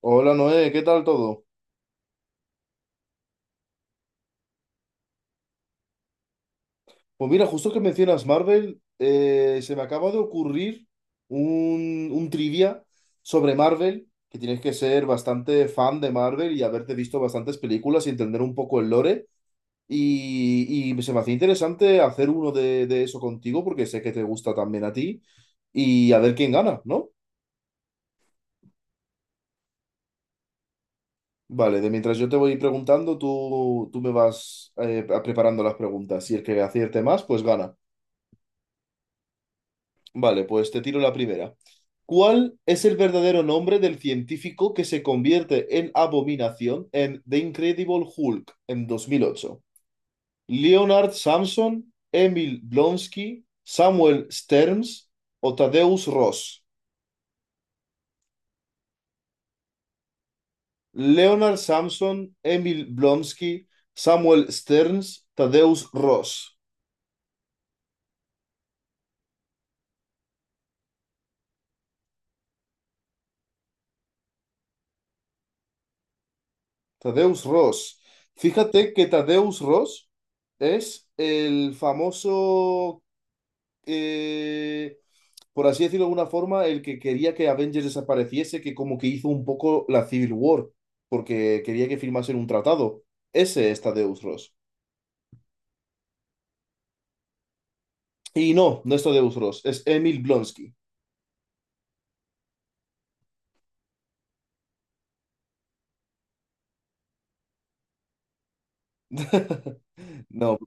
Hola Noé, ¿qué tal todo? Pues mira, justo que mencionas Marvel, se me acaba de ocurrir un trivia sobre Marvel, que tienes que ser bastante fan de Marvel y haberte visto bastantes películas y entender un poco el lore. Y se me hacía interesante hacer uno de eso contigo porque sé que te gusta también a ti y a ver quién gana, ¿no? Vale, de mientras yo te voy preguntando, tú me vas preparando las preguntas y el que acierte más, pues gana. Vale, pues te tiro la primera. ¿Cuál es el verdadero nombre del científico que se convierte en abominación en The Incredible Hulk en 2008? ¿Leonard Samson, Emil Blonsky, Samuel Sterns o Tadeusz Ross? Leonard Samson, Emil Blonsky, Samuel Sterns, Tadeusz Ross. Tadeusz Ross. Fíjate que Tadeusz Ross es el famoso, eh, por así decirlo de alguna forma, el que quería que Avengers desapareciese, que como que hizo un poco la Civil War, porque quería que firmasen un tratado. Ese está Deus Ross. Y no, no es Deus Ross, es Emil Blonsky. No,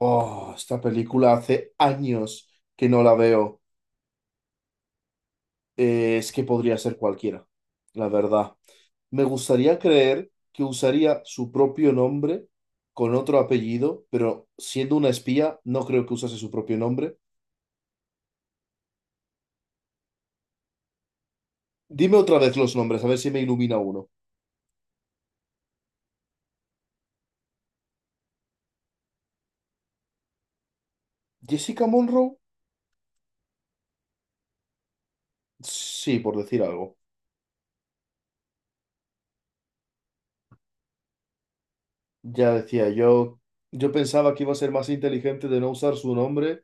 oh, esta película hace años que no la veo. Es que podría ser cualquiera, la verdad. Me gustaría creer que usaría su propio nombre con otro apellido, pero siendo una espía, no creo que usase su propio nombre. Dime otra vez los nombres, a ver si me ilumina uno. Jessica Monroe, sí, por decir algo. Ya decía yo, yo pensaba que iba a ser más inteligente de no usar su nombre,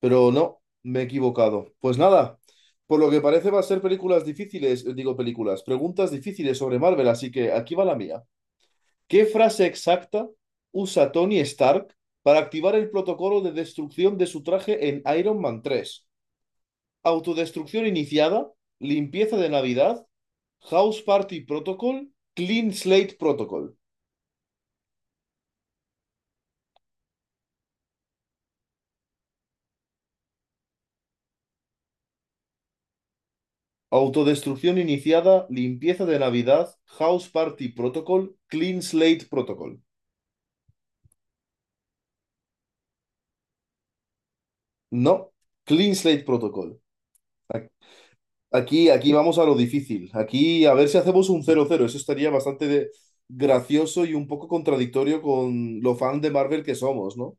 pero no, me he equivocado. Pues nada, por lo que parece va a ser películas difíciles, digo películas, preguntas difíciles sobre Marvel, así que aquí va la mía. ¿Qué frase exacta usa Tony Stark para activar el protocolo de destrucción de su traje en Iron Man 3? Autodestrucción iniciada, limpieza de Navidad, House Party Protocol, Clean Slate Protocol. Autodestrucción iniciada, limpieza de Navidad, House Party Protocol, Clean Slate Protocol. No, Clean Slate Protocol. Aquí, aquí vamos a lo difícil. Aquí a ver si hacemos un 0-0. Eso estaría bastante gracioso y un poco contradictorio con lo fan de Marvel que somos, ¿no?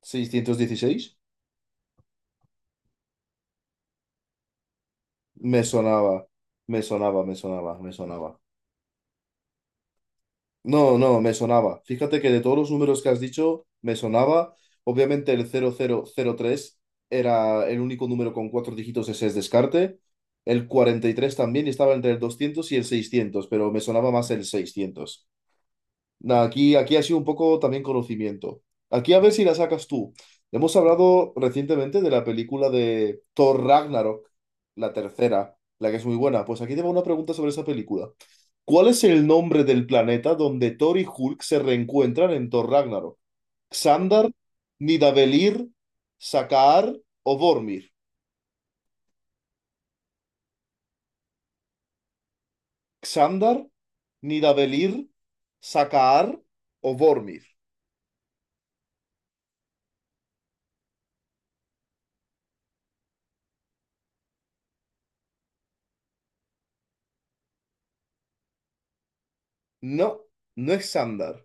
616. Me sonaba, me sonaba, me sonaba, me sonaba. No, no, me sonaba. Fíjate que de todos los números que has dicho, me sonaba. Obviamente el 0003 era el único número con cuatro dígitos, ese es descarte. El 43 también y estaba entre el 200 y el 600, pero me sonaba más el 600. Nah, aquí, aquí ha sido un poco también conocimiento. Aquí a ver si la sacas tú. Hemos hablado recientemente de la película de Thor Ragnarok, la tercera, la que es muy buena. Pues aquí te va una pregunta sobre esa película. ¿Cuál es el nombre del planeta donde Thor y Hulk se reencuentran en Thor Ragnarok? ¿Xandar, Nidavellir, Sakaar o Vormir? ¿Xandar, Nidavellir, Sakaar o Vormir? No, no es Xandar.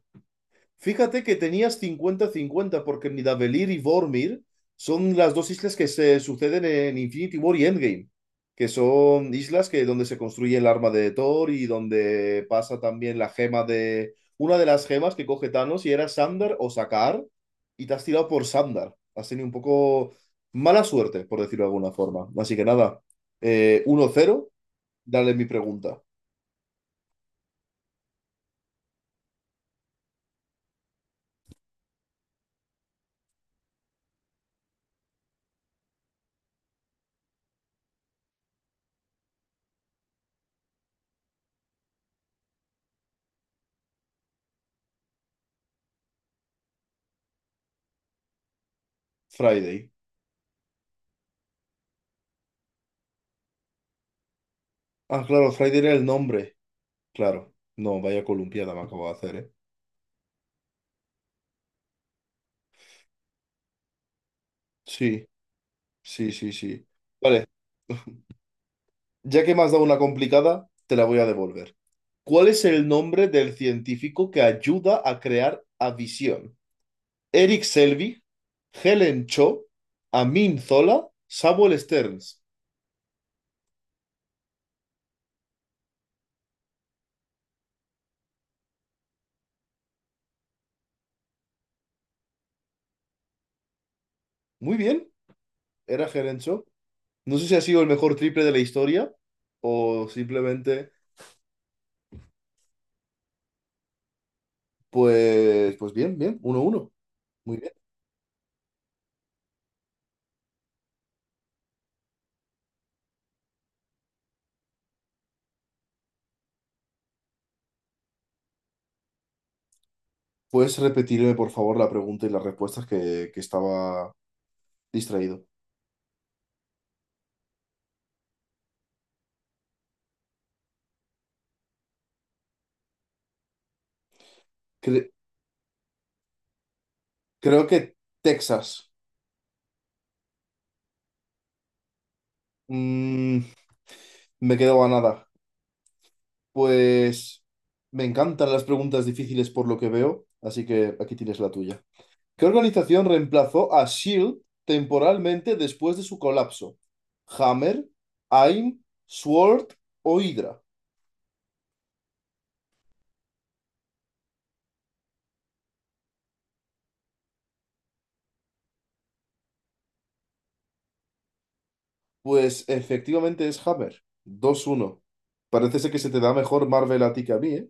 Fíjate que tenías 50-50 porque Nidavellir y Vormir son las dos islas que se suceden en Infinity War y Endgame, que son islas que donde se construye el arma de Thor y donde pasa también la gema de una de las gemas que coge Thanos y era Sandar o Sakaar y te has tirado por Sandar. Has tenido un poco mala suerte, por decirlo de alguna forma. Así que nada, 1-0, dale mi pregunta. Friday. Ah, claro, Friday era el nombre. Claro, no, vaya columpiada me acabo de hacer, ¿eh? Sí, sí, sí, sí. Vale, ya que me has dado una complicada, te la voy a devolver. ¿Cuál es el nombre del científico que ayuda a crear a Visión? Eric Selvig, Helen Cho, Amin Zola, Samuel Stearns. Muy bien, era Helen Cho. No sé si ha sido el mejor triple de la historia o simplemente, pues bien, bien, 1-1. Muy ¿Puedes repetirme, por favor, la pregunta y las respuestas, que estaba distraído? Cre- creo que Texas. Mm, me quedo a nada. Pues me encantan las preguntas difíciles por lo que veo, así que aquí tienes la tuya. ¿Qué organización reemplazó a SHIELD temporalmente después de su colapso? ¿Hammer, AIM, SWORD o Hydra? Pues efectivamente es Hammer. 2-1. Parece ser que se te da mejor Marvel a ti que a mí, ¿eh?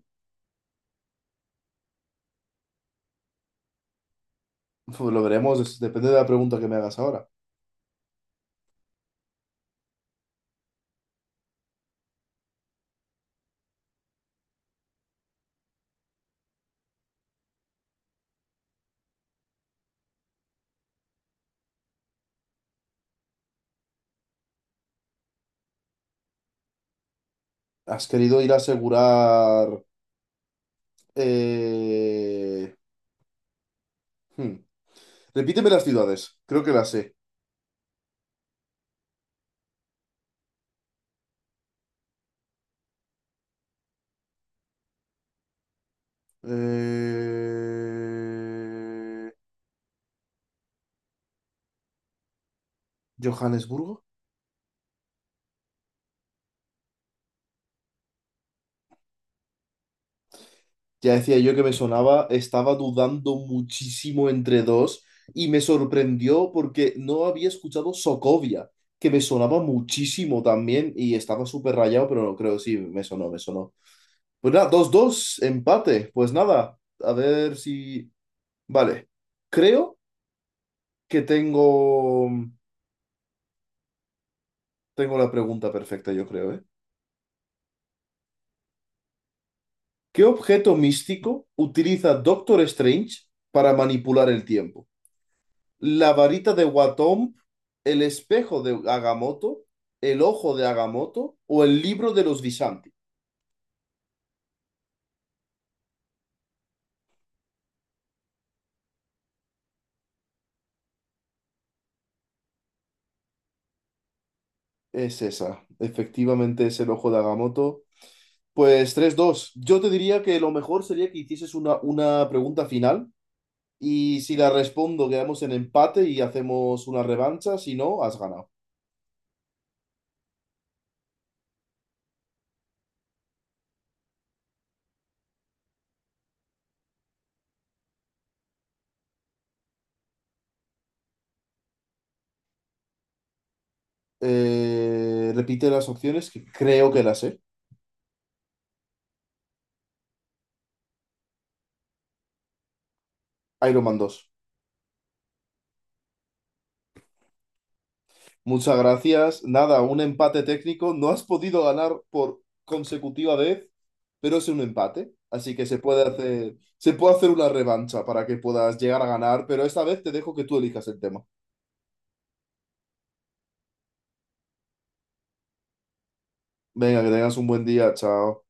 Pues lo veremos, depende de la pregunta que me hagas ahora. ¿Has querido ir a asegurar... eh, hmm. Repíteme las ciudades, creo que las sé. Eh, ¿Johannesburgo? Ya decía yo que me sonaba, estaba dudando muchísimo entre dos y me sorprendió porque no había escuchado Sokovia, que me sonaba muchísimo también y estaba súper rayado, pero no creo, sí, me sonó, me sonó. Pues nada, 2-2 empate. Pues nada, a ver si... Vale, creo que tengo... Tengo la pregunta perfecta, yo creo, ¿eh? ¿Qué objeto místico utiliza Doctor Strange para manipular el tiempo? ¿La varita de Watom, el espejo de Agamotto, el ojo de Agamotto o el libro de los Visanti? Es esa, efectivamente es el ojo de Agamotto. Pues 3-2. Yo te diría que lo mejor sería que hicieses una pregunta final. Y si la respondo, quedamos en empate y hacemos una revancha. Si no, has ganado. Repite las opciones, que creo que las sé. Iron Man 2. Muchas gracias. Nada, un empate técnico. No has podido ganar por consecutiva vez, pero es un empate. Así que se puede hacer una revancha para que puedas llegar a ganar, pero esta vez te dejo que tú elijas el tema. Venga, que tengas un buen día. Chao.